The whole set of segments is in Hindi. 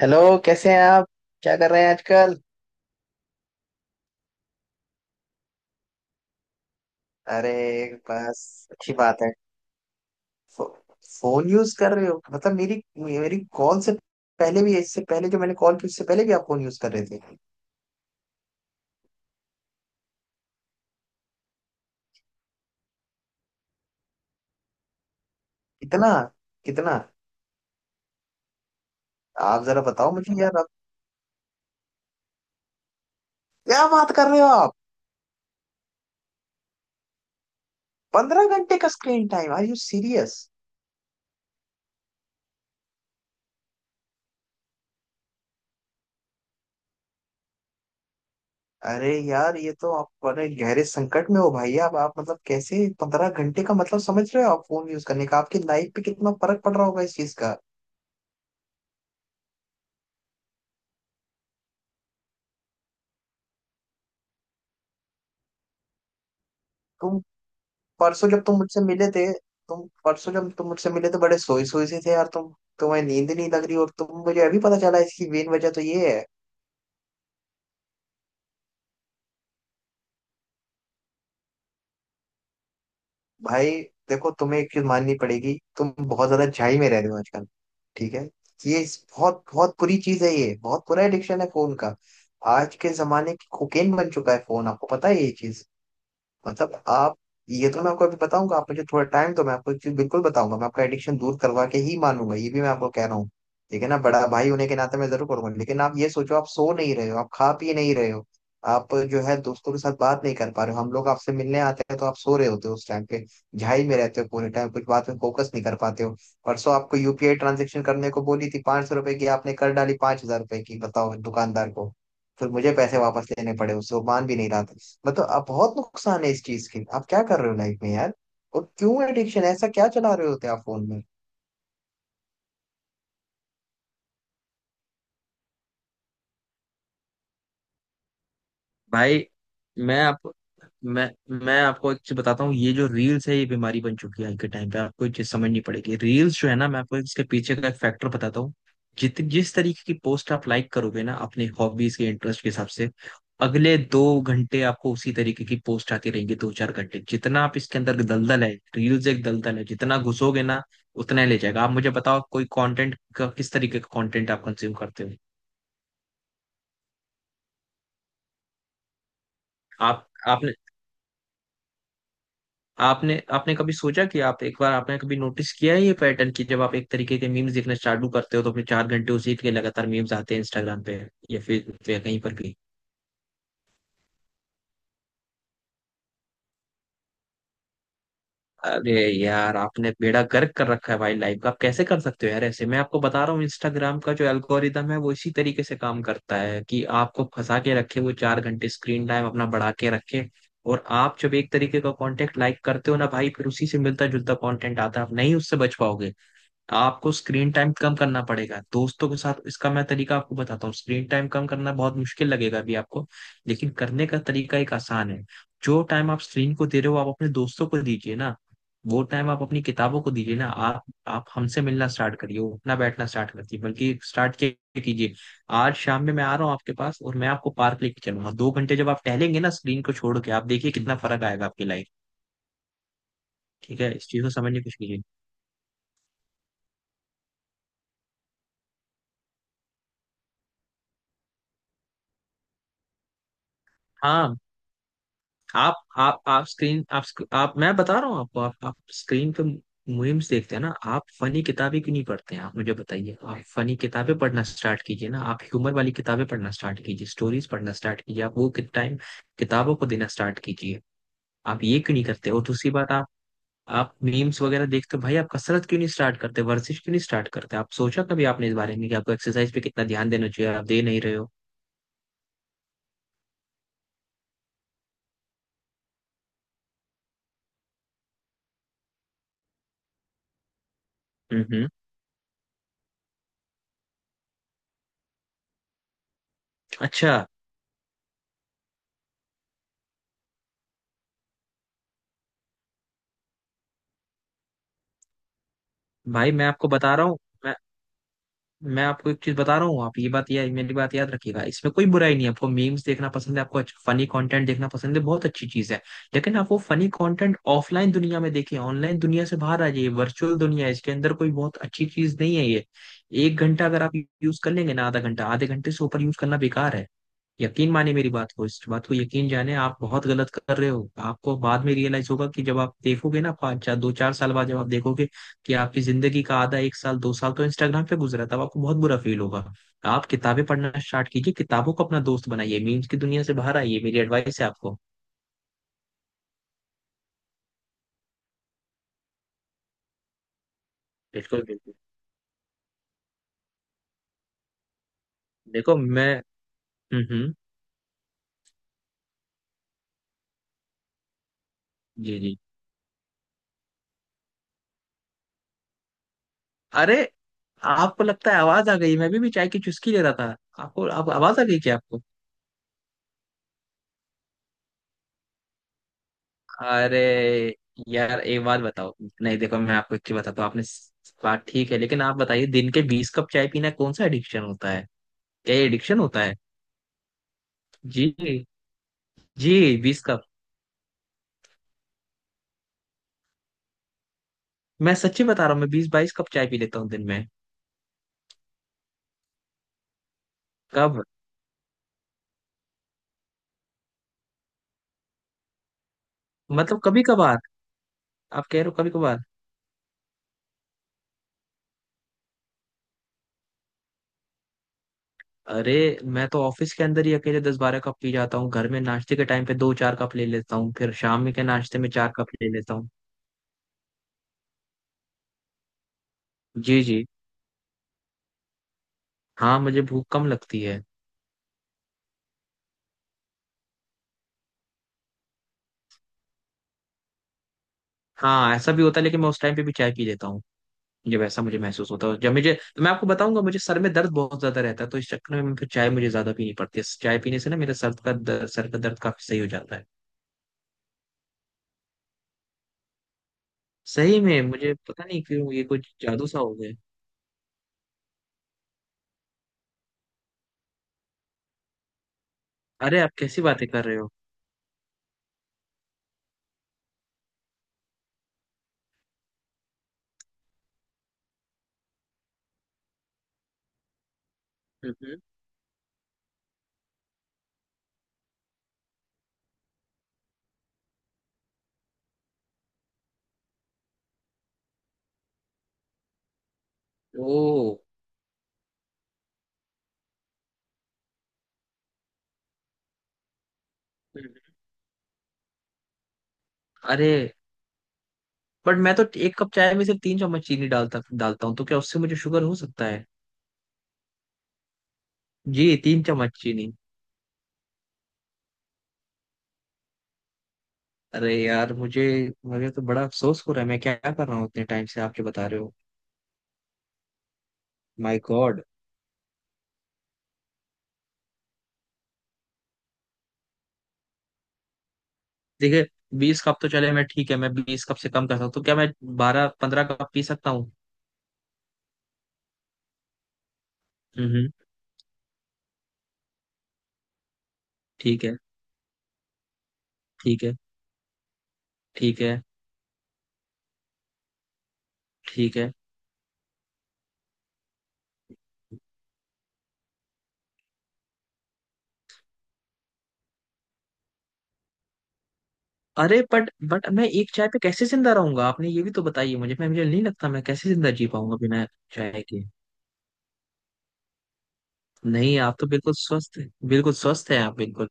हेलो। कैसे हैं आप? क्या कर रहे हैं आजकल? अरे। बस, अच्छी बात है। फो, फोन यूज कर रहे हो मतलब मेरी मेरी कॉल से पहले भी, इससे पहले जो मैंने कॉल की उससे पहले भी आप फोन यूज कर रहे थे। कितना? कितना? आप जरा बताओ मुझे यार, आप। क्या बात कर रहे हो आप? 15 घंटे का screen time? Are you serious? अरे यार, ये तो आप बड़े गहरे संकट में हो भाई। आप मतलब कैसे, 15 घंटे का मतलब समझ रहे हो आप फोन यूज करने का? आपकी लाइफ पे कितना फर्क पड़ रहा होगा इस चीज का। परसों जब तुम मुझसे मिले थे तुम परसों जब तुम मुझसे मिले थे बड़े सोई सोई से थे यार तुम। तुम्हें नींद नहीं लग रही और तुम, मुझे अभी पता चला, इसकी मेन वजह तो ये है। भाई देखो, तुम्हें एक चीज माननी पड़ेगी। तुम बहुत ज्यादा झाई में रह रहे हो आजकल। ठीक है। ये बहुत बहुत बुरी चीज है, ये बहुत बुरा एडिक्शन है फोन का। आज के जमाने की कोकेन बन चुका है फोन, आपको पता है ये चीज? मतलब आप। ये तो मैं आपको अभी बताऊंगा, आप मुझे थोड़ा टाइम दो। मैं आपको एक चीज बिल्कुल बताऊंगा, मैं आपका एडिक्शन दूर करवा के ही मानूंगा, ये भी मैं आपको कह रहा हूँ। ठीक है ना, बड़ा भाई होने के नाते मैं जरूर करूंगा। लेकिन आप ये सोचो, आप सो नहीं रहे हो, आप खा पी नहीं रहे हो। आप, जो है, दोस्तों के साथ बात नहीं कर पा रहे हो। हम लोग आपसे मिलने आते हैं तो आप सो रहे होते हो उस टाइम पे। झाई में रहते हो पूरे टाइम, कुछ बात में फोकस नहीं कर पाते हो। परसों आपको यूपीआई ट्रांजेक्शन करने को बोली थी 500 रुपए की, आपने कर डाली 5,000 रुपए की, बताओ दुकानदार को। फिर मुझे पैसे वापस लेने पड़े उससे, वो मान भी नहीं रहा था। मतलब अब बहुत नुकसान है इस चीज की, आप क्या कर रहे हो लाइफ में यार? और क्यों एडिक्शन, ऐसा क्या चला रहे होते आप फोन में? भाई, मैं आप मैं मैं आपको एक चीज बताता हूँ। ये जो रील्स है ये बीमारी बन चुकी है आज के टाइम पे। आपको ये चीज समझनी पड़ेगी। रील्स जो है ना, मैं आपको इसके पीछे का एक फैक्टर बताता हूँ। जित जिस तरीके की पोस्ट आप लाइक करोगे ना, अपने हॉबीज के इंटरेस्ट के हिसाब से, अगले 2 घंटे आपको उसी तरीके की पोस्ट आती रहेंगी, दो चार घंटे। जितना आप इसके अंदर, दलदल है। रील्स एक दलदल है, जितना घुसोगे ना उतना ही ले जाएगा। आप मुझे बताओ, कोई कंटेंट का, किस तरीके का कंटेंट आप कंज्यूम करते हो? आप आपने आपने आपने कभी सोचा कि आप एक बार, आपने कभी नोटिस किया है ये पैटर्न कि जब आप एक तरीके के मीम्स देखना चालू करते हो तो अपने 4 घंटे उसी के लगातार मीम्स आते हैं इंस्टाग्राम पे? या फिर कहीं पर भी। अरे यार, आपने बेड़ा गर्क कर रखा है भाई लाइफ का। आप कैसे कर सकते हो यार ऐसे? मैं आपको बता रहा हूँ, इंस्टाग्राम का जो एल्गोरिदम है वो इसी तरीके से काम करता है कि आपको फंसा के रखे, वो 4 घंटे स्क्रीन टाइम अपना बढ़ा के रखे। और आप जब एक तरीके का कंटेंट लाइक करते हो ना भाई, फिर उसी से मिलता जुलता कंटेंट आता है, आप नहीं उससे बच पाओगे। आपको स्क्रीन टाइम कम करना पड़ेगा दोस्तों के साथ, इसका मैं तरीका आपको बताता हूँ। स्क्रीन टाइम कम करना बहुत मुश्किल लगेगा अभी आपको, लेकिन कराना है। जो, जो आप अपने, ना वो टाइम आप अपने किताबों को दीजिए ना। आप आपका स्टार्ट कीजिए आज। ये कितना लगेगा आपकी लाइफ। ठीक है। ये- हाँ। आप स्क्रीन आप मैं बता रहा हूँ आपको, आप स्क्रीन पे मीम्स देखते हैं ना? आप फनी किताबें क्यों नहीं पढ़ते हैं? आप मुझे बताइए। आप फनी किताबें पढ़ना स्टार्ट कीजिए ना। आप ह्यूमर वाली किताबें पढ़ना स्टार्ट कीजिए, स्टोरीज पढ़ना स्टार्ट कीजिए। आप वो टाइम किताबों को देना स्टार्ट कीजिए। आप ये क्यों नहीं करते? और दूसरी बात, आप मीम्स वगैरह देखते हो भाई, आप कसरत क्यों नहीं स्टार्ट करते, वर्जिश क्यों नहीं स्टार्ट करते? आप सोचा कभी आपने इस बारे में कि आपको एक्सरसाइज पे कितना ध्यान देना चाहिए? आप दे नहीं रहे हो। हम्म, अच्छा। भाई मैं आपको बता रहा हूँ, मैं आपको एक चीज बता रहा हूँ। आप ये बात या मेरी बात याद रखिएगा। इसमें कोई बुराई नहीं है, आपको मीम्स देखना पसंद है, आपको अच्छा फनी कंटेंट देखना पसंद है, बहुत अच्छी चीज है। लेकिन आप वो फनी कंटेंट ऑफलाइन दुनिया में देखिए, ऑनलाइन दुनिया से बाहर आ जाइए। वर्चुअल दुनिया है, इसके अंदर कोई बहुत अच्छी चीज नहीं है ये। 1 घंटा अगर आप यूज कर लेंगे ना, आधा घंटा, आधे घंटे से ऊपर यूज करना बेकार है। यकीन मानिए मेरी बात को, इस बात को यकीन जाने, आप बहुत गलत कर रहे हो। आपको बाद में रियलाइज होगा कि जब आप देखोगे ना, पाँच चार, दो चार साल बाद जब आप देखोगे कि आपकी जिंदगी का आधा, एक साल, दो साल तो इंस्टाग्राम पे गुजरा था, अब आपको बहुत बुरा फील होगा। आप किताबें पढ़ना स्टार्ट कीजिए, किताबों को अपना दोस्त बनाइए, मीम्स की दुनिया से बाहर आइए। मेरी एडवाइस है आपको। बिल्कुल, बिल्कुल। देखो मैं। हम्म, हम्म। जी, जी। अरे, आपको लगता है आवाज आ गई? मैं भी चाय की चुस्की ले रहा था। आपको आप आवाज आ गई क्या आपको? अरे यार, एक बात बताओ। नहीं देखो, मैं आपको एक चीज बताता हूँ, आपने बात ठीक है। लेकिन आप बताइए, दिन के 20 कप चाय पीना कौन सा एडिक्शन होता है? क्या ये एडिक्शन होता है? जी, जी। 20 कप? मैं सच्ची बता रहा हूँ, मैं 20 22 कप चाय पी लेता हूँ दिन में। कब? मतलब कभी कभार? आप कह रहे हो कभी कभार? अरे, मैं तो ऑफिस के अंदर ही अकेले 10 12 कप पी जाता हूँ, घर में नाश्ते के टाइम पे दो चार कप ले लेता हूँ, फिर शाम में के नाश्ते में 4 कप ले लेता हूँ। जी, जी। हाँ, मुझे भूख कम लगती है। हाँ ऐसा भी होता है, लेकिन मैं उस टाइम पे भी चाय पी लेता हूँ जब ऐसा मुझे महसूस होता है। जब मुझे, तो मैं आपको बताऊंगा, मुझे सर में दर्द बहुत ज्यादा रहता है, तो इस चक्कर में मैं फिर चाय मुझे ज्यादा पीनी पड़ती है। चाय पीने से ना मेरे सर का दर्द काफी सही हो जाता है। सही में मुझे पता नहीं क्यों, ये कुछ जादू सा हो गया। अरे, आप कैसी बातें कर रहे हो? हम्म। ओ। अरे बट, मैं तो एक कप चाय में सिर्फ 3 चम्मच चीनी डालता डालता हूँ, तो क्या उससे मुझे शुगर हो सकता है? जी, तीन चम्मच चीनी? अरे यार, मुझे मुझे तो बड़ा अफसोस हो रहा है, मैं क्या क्या कर रहा हूँ इतने टाइम से आप जो बता रहे हो। My god. देखिए, 20 कप तो चले, मैं ठीक है, मैं 20 कप से कम कर सकता हूँ। तो क्या मैं 12 15 कप पी सकता हूँ? हम्म। ठीक है। ठीक है। ठीक है। ठीक है। अरे बट मैं एक चाय पे कैसे जिंदा रहूंगा? आपने ये भी तो बताइए मुझे, मैं मुझे नहीं लगता मैं कैसे जिंदा जी पाऊंगा बिना चाय के। नहीं, आप तो बिल्कुल स्वस्थ है, बिल्कुल स्वस्थ है आप, बिल्कुल।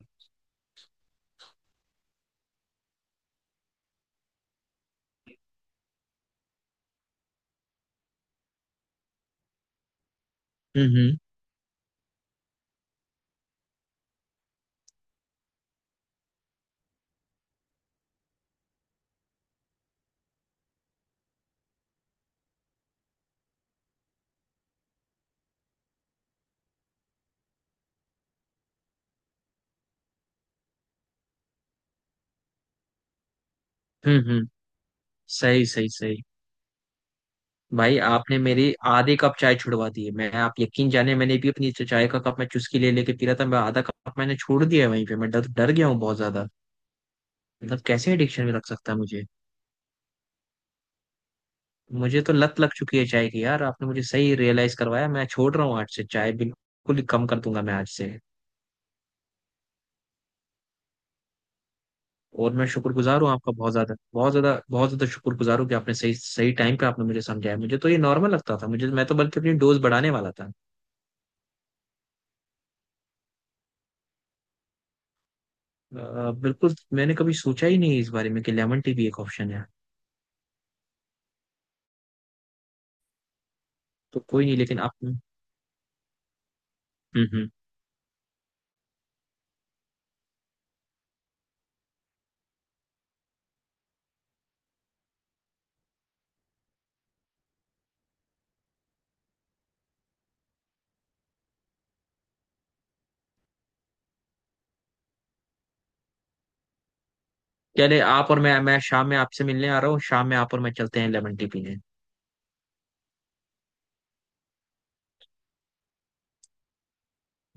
हम्म, हम्म। हम्म, हम्म। सही, सही, सही। भाई, आपने मेरी आधे कप चाय छुड़वा दी है। मैं, आप यकीन जाने, मैंने भी अपनी चाय का कप मैं चुस्की ले लेके पी रहा था। मैं आधा कप मैंने छोड़ दिया है वहीं पे। मैं डर डर गया हूँ बहुत ज्यादा। मतलब कैसे एडिक्शन में रख सकता है मुझे! मुझे तो लत लग चुकी है चाय की यार, आपने मुझे सही रियलाइज करवाया। मैं छोड़ रहा हूँ आज से चाय, बिल्कुल ही कम कर दूंगा मैं आज से। और मैं शुक्रगुजार हूँ आपका, बहुत ज्यादा, बहुत ज्यादा, बहुत ज्यादा शुक्रगुजार हूँ कि आपने सही सही टाइम पे आपने मुझे समझाया। मुझे तो ये नॉर्मल लगता था मुझे, मैं तो बल्कि अपनी डोज बढ़ाने वाला था। बिल्कुल, मैंने कभी सोचा ही नहीं इस बारे में कि लेमन टी भी एक ऑप्शन है। तो कोई नहीं, लेकिन आप। हम्म, हम्म। चले, आप और मैं शाम में आपसे मिलने आ रहा हूँ शाम में। आप और मैं चलते हैं लेमन टी पीने।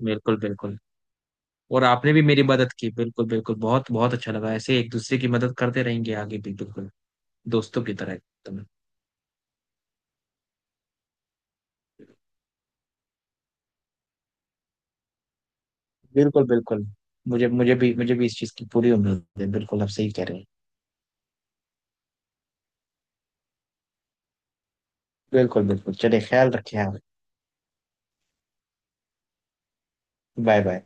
बिल्कुल, बिल्कुल। और आपने भी मेरी मदद की, बिल्कुल, बिल्कुल। बहुत बहुत अच्छा लगा ऐसे, एक दूसरे की मदद करते रहेंगे आगे भी, बिल्कुल। दोस्तों की तरह एकदम। बिल्कुल, बिल्कुल। मुझे मुझे भी इस चीज की पूरी उम्मीद है। बिल्कुल, आप सही कह रहे हैं। बिल्कुल, बिल्कुल। चलिए, ख्याल रखिए आप। Bye bye.